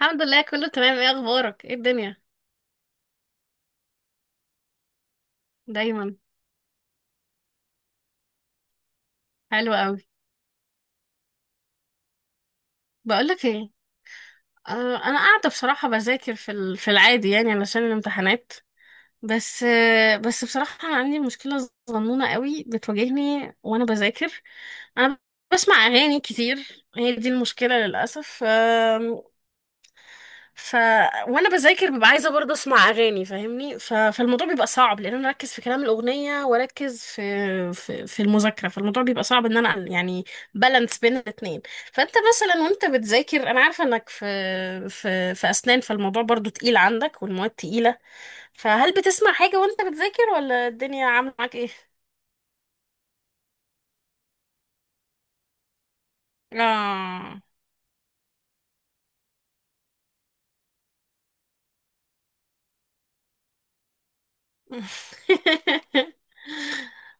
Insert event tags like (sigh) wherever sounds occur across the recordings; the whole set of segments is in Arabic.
الحمد لله كله تمام. ايه اخبارك؟ ايه الدنيا؟ دايما حلوة قوي. بقولك ايه، انا قاعده بصراحه بذاكر في العادي يعني علشان الامتحانات. بس بس بصراحه انا عندي مشكله صغنونه قوي بتواجهني وانا بذاكر. انا بسمع اغاني كتير، هي دي المشكله للاسف. ف وانا بذاكر ببقى عايزه برضه اسمع اغاني، فاهمني؟ فالموضوع بيبقى صعب لان انا اركز في كلام الاغنيه واركز في المذاكره، فالموضوع بيبقى صعب ان انا يعني بالانس بين الاثنين. فانت مثلا وانت بتذاكر انا عارفه انك في اسنان، فالموضوع برضه تقيل عندك والمواد تقيله. فهل بتسمع حاجه وانت بتذاكر، ولا الدنيا عامله معاك ايه؟ اه. (laughs)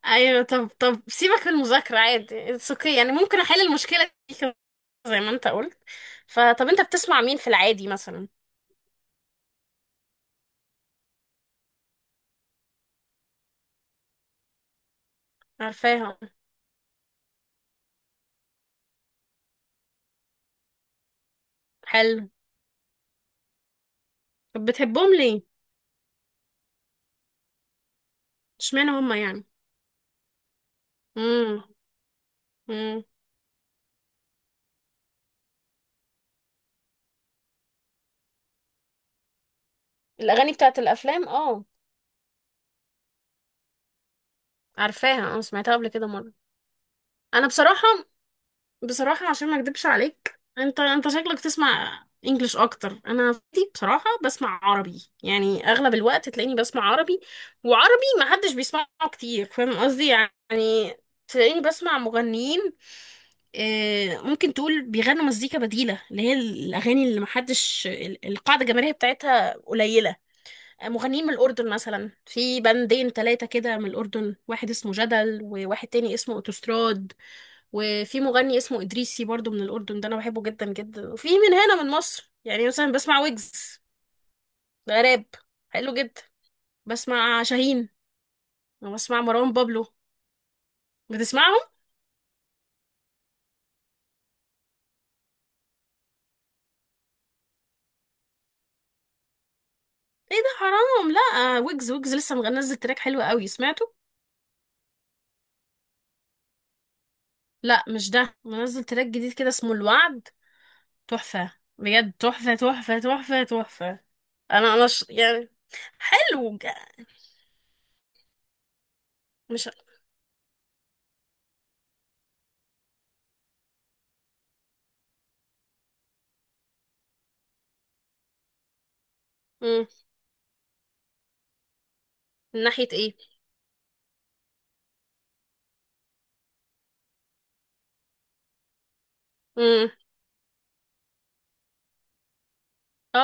ايوه. طب سيبك من المذاكره، عادي اتس اوكي يعني، ممكن احل المشكله دي زي ما انت قلت. فطب انت بتسمع مين في العادي مثلا؟ عارفاهم. حلو. طب بتحبهم ليه؟ اشمعنى هم يعني؟ امم. امم. الاغاني بتاعت الافلام، اه عارفاها، اه سمعتها قبل كده مره. انا بصراحه، بصراحة عشان ما اكدبش عليك، انت شكلك تسمع انجليش اكتر، انا دي بصراحة بسمع عربي يعني، اغلب الوقت تلاقيني بسمع عربي. وعربي ما حدش بيسمعه كتير، فاهم قصدي يعني؟ تلاقيني بسمع مغنيين ممكن تقول بيغنوا مزيكا بديلة، اللي هي الاغاني اللي ما حدش، القاعدة الجماهيرية بتاعتها قليلة. مغنيين من الأردن مثلا، في بندين تلاتة كده من الأردن، واحد اسمه جدل، وواحد تاني اسمه أوتوستراد، وفي مغني اسمه إدريسي برضو من الأردن، ده أنا بحبه جدا جدا. وفي من هنا من مصر يعني مثلا بسمع ويجز، ده راب، حلو جدا. بسمع شاهين، وبسمع مروان بابلو. بتسمعهم؟ ايه ده حرام، لا ويجز، ويجز لسه منزل تراك حلو قوي، سمعته؟ لا مش ده، منزل تراك جديد كده اسمه الوعد، تحفة، بجد تحفة. انا يعني حلو مش، مم. من ناحية ايه؟ مم. اه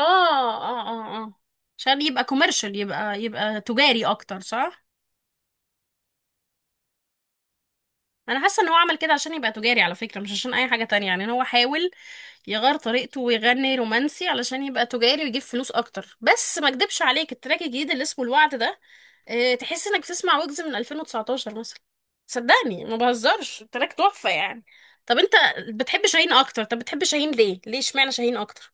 اه اه اه، عشان يبقى كوميرشال، يبقى يبقى تجاري اكتر، صح؟ انا حاسه ان هو عمل كده عشان يبقى تجاري على فكره، مش عشان اي حاجه تانية يعني، إن هو حاول يغير طريقته ويغني رومانسي علشان يبقى تجاري ويجيب فلوس اكتر. بس ما اكدبش عليك التراك الجديد اللي اسمه الوعد ده، اه تحس انك بتسمع ويجز من 2019 مثلا، صدقني ما بهزرش، التراك تحفه يعني. طب انت بتحب شاهين اكتر؟ طب بتحب شاهين ليه؟ ليه اشمعنى شاهين اكتر؟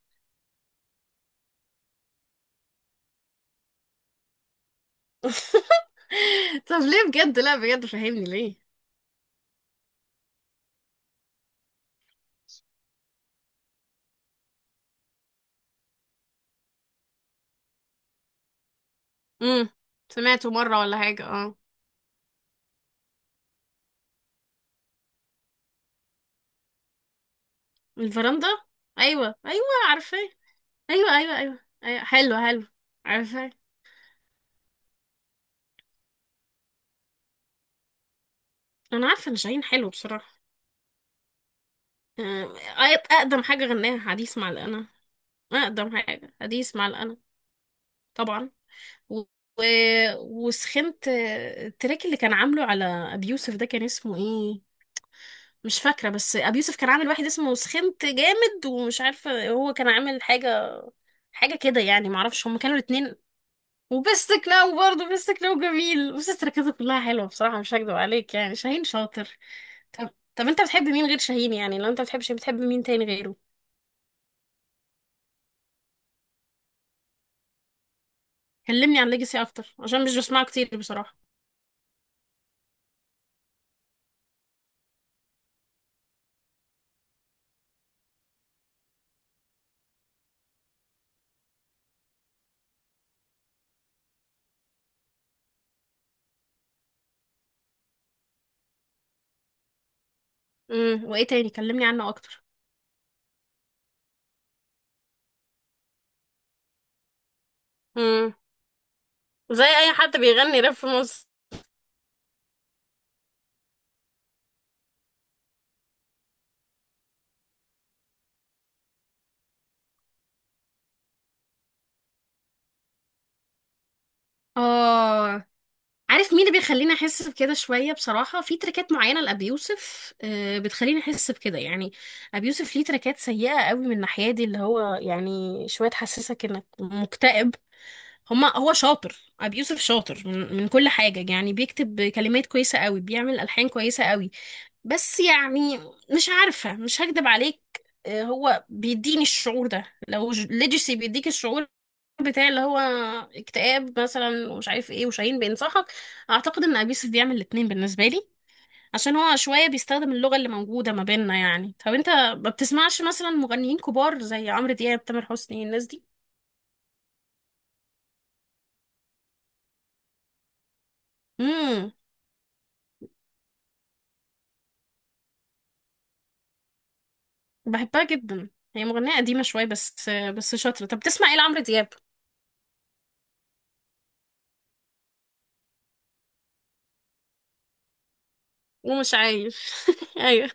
(laughs) (laughs) طب ليه بجد؟ لا بجد فهمني ليه. امم. سمعته مرة ولا حاجة، اه الفرندا، ايوه ايوه عارفاه، ايوه ايوه ايوه ايوه حلو حلو عارفاه. انا عارفة ان شاهين حلو بصراحة. آه، اقدم حاجة غناها حديث مع القنا، اقدم حاجة حديث مع القنا. طبعا. و... و... وسخنت، التراك اللي كان عامله على ابي يوسف ده كان اسمه ايه؟ مش فاكرة، بس ابي يوسف كان عامل واحد اسمه سخنت جامد، ومش عارفة هو كان عامل حاجة، حاجة كده يعني، معرفش هما كانوا الاتنين. وبيست كلاو، برضه بيست كلاو جميل، بس تركيزه كلها حلوة بصراحة، مش هكدب عليك يعني شاهين شاطر. طب طب انت بتحب مين غير شاهين يعني؟ لو انت بتحبش بتحب مين تاني غيره؟ كلمني عن ليجاسي اكتر عشان مش بسمعه كتير بصراحة. امم. وايه تاني؟ كلمني عنه اكتر. امم. زي اي حد بيغني راب في مصر. اه. عارف مين اللي بيخليني احس بكده شويه بصراحه؟ في تركات معينه لابي يوسف بتخليني احس بكده يعني. ابي يوسف ليه تركات سيئه قوي من الناحيه دي، اللي هو يعني شويه تحسسك انك مكتئب. هما هو شاطر، ابي يوسف شاطر من كل حاجه يعني، بيكتب كلمات كويسه قوي، بيعمل الحان كويسه قوي، بس يعني مش عارفه مش هكدب عليك، هو بيديني الشعور ده. لو ليجسي بيديك الشعور بتاع اللي هو اكتئاب مثلا ومش عارف ايه، وشاهين بينصحك، اعتقد ان ابي يوسف بيعمل الاتنين بالنسبه لي، عشان هو شويه بيستخدم اللغه اللي موجوده ما بيننا يعني. طب انت ما بتسمعش مثلا مغنيين كبار زي عمرو دياب، تامر حسني، الناس دي؟ امم. بحبها جدا، هي مغنيه قديمه شويه بس بس شاطره. طب بتسمع ايه لعمرو دياب؟ ومش عايش، (laughs) ايوه.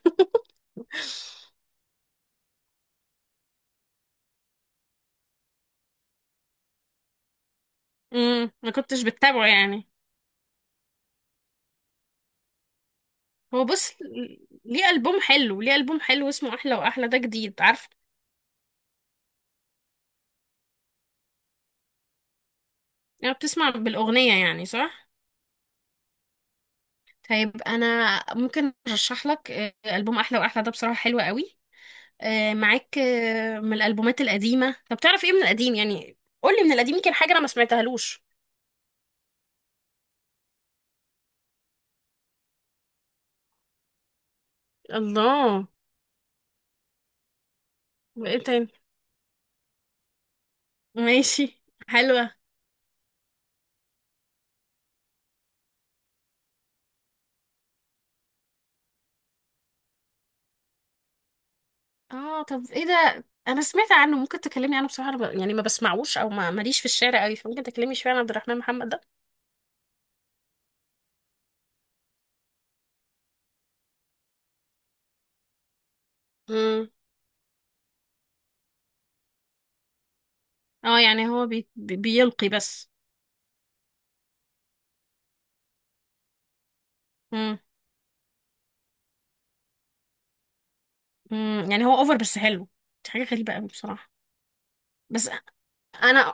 امم. ما كنتش بتابعه يعني. هو بص، ليه ألبوم حلو، ليه ألبوم حلو اسمه أحلى وأحلى، ده جديد عارفه. يعني بتسمع بالأغنية يعني، صح؟ طيب أنا ممكن أرشح لك ألبوم أحلى وأحلى ده بصراحة حلو قوي معاك، من الألبومات القديمة. طب تعرف إيه من القديم يعني؟ قولي من القديم يمكن حاجة أنا ما سمعتهالوش. الله. وإيه تاني؟ ماشي، حلوة. آه طب إيه ده؟ أنا سمعت عنه، ممكن تكلمني عنه؟ بصراحة أنا يعني ما بسمعوش أو ما ماليش في الشارع قوي، فممكن تكلمني شوية عن عبد الرحمن محمد ده؟ مم. آه يعني هو بيلقي بس. مم. مم. يعني هو أوفر بس حلو، دي حاجة غريبة قوي بصراحة. بس انا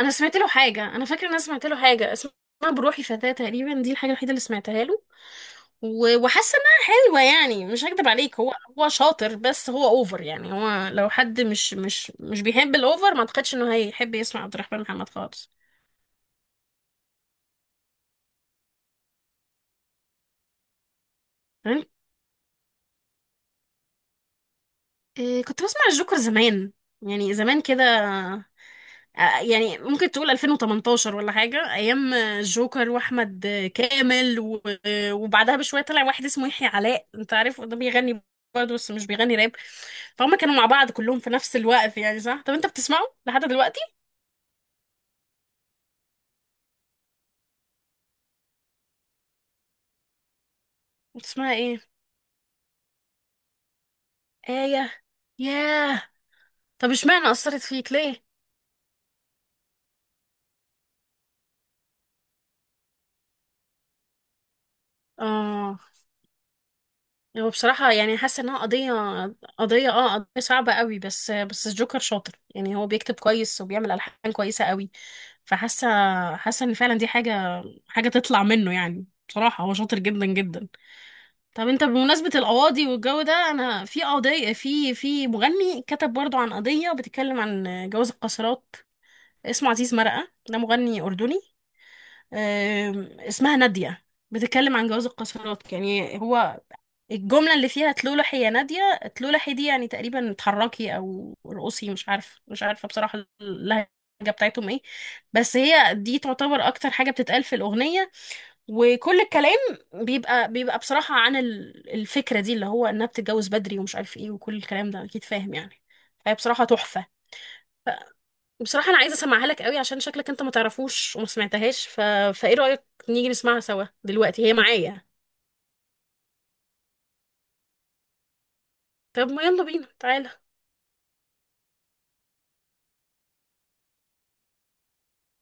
انا سمعت له حاجه، انا فاكره ان انا سمعت له حاجه اسمها بروحي فتاه تقريبا، دي الحاجه الوحيده اللي سمعتها له، وحاسه انها حلوه يعني، مش هكدب عليك هو، هو شاطر بس هو اوفر يعني، هو لو حد مش بيحب الاوفر ما اعتقدش انه هيحب يسمع عبد الرحمن محمد خالص. تمام. إيه، كنت بسمع الجوكر زمان، يعني زمان كده، يعني ممكن تقول 2018 ولا حاجة، أيام الجوكر وأحمد كامل وبعدها بشوية طلع واحد اسمه يحيى علاء، أنت عارف ده بيغني برضه بس مش بيغني راب، فهم كانوا مع بعض كلهم في نفس الوقت يعني صح. طب أنت بتسمعه لحد دلوقتي؟ بتسمعها إيه؟ آية. ياه. طب اشمعنى أثرت فيك ليه؟ آه. هو بصراحة يعني حاسة انها قضية، قضية اه قضية صعبة قوي، بس بس الجوكر شاطر يعني، هو بيكتب كويس وبيعمل ألحان كويسة قوي، فحاسة، حاسة ان فعلا دي حاجة، حاجة تطلع منه يعني، بصراحة هو شاطر جدا جدا. طب انت بمناسبة القواضي والجو ده، انا في قضية، في مغني كتب برضو عن قضية بتتكلم عن جواز القاصرات، اسمه عزيز مرقة، ده مغني أردني. آم، اسمها نادية، بتتكلم عن جواز القاصرات يعني. هو الجملة اللي فيها تلولحي يا نادية تلولحي دي، يعني تقريبا اتحركي او رقصي، مش عارفة مش عارفة بصراحة اللهجة بتاعتهم ايه، بس هي دي تعتبر اكتر حاجة بتتقال في الأغنية. وكل الكلام بيبقى بيبقى بصراحة عن الفكرة دي، اللي هو انها بتتجوز بدري ومش عارف ايه وكل الكلام ده، اكيد فاهم يعني. فهي بصراحة تحفة، بصراحة أنا عايزة أسمعها لك قوي عشان شكلك أنت ما تعرفوش وما سمعتهاش. فإيه رأيك نيجي نسمعها سوا دلوقتي، هي معايا. طب ما يلا بينا تعالى.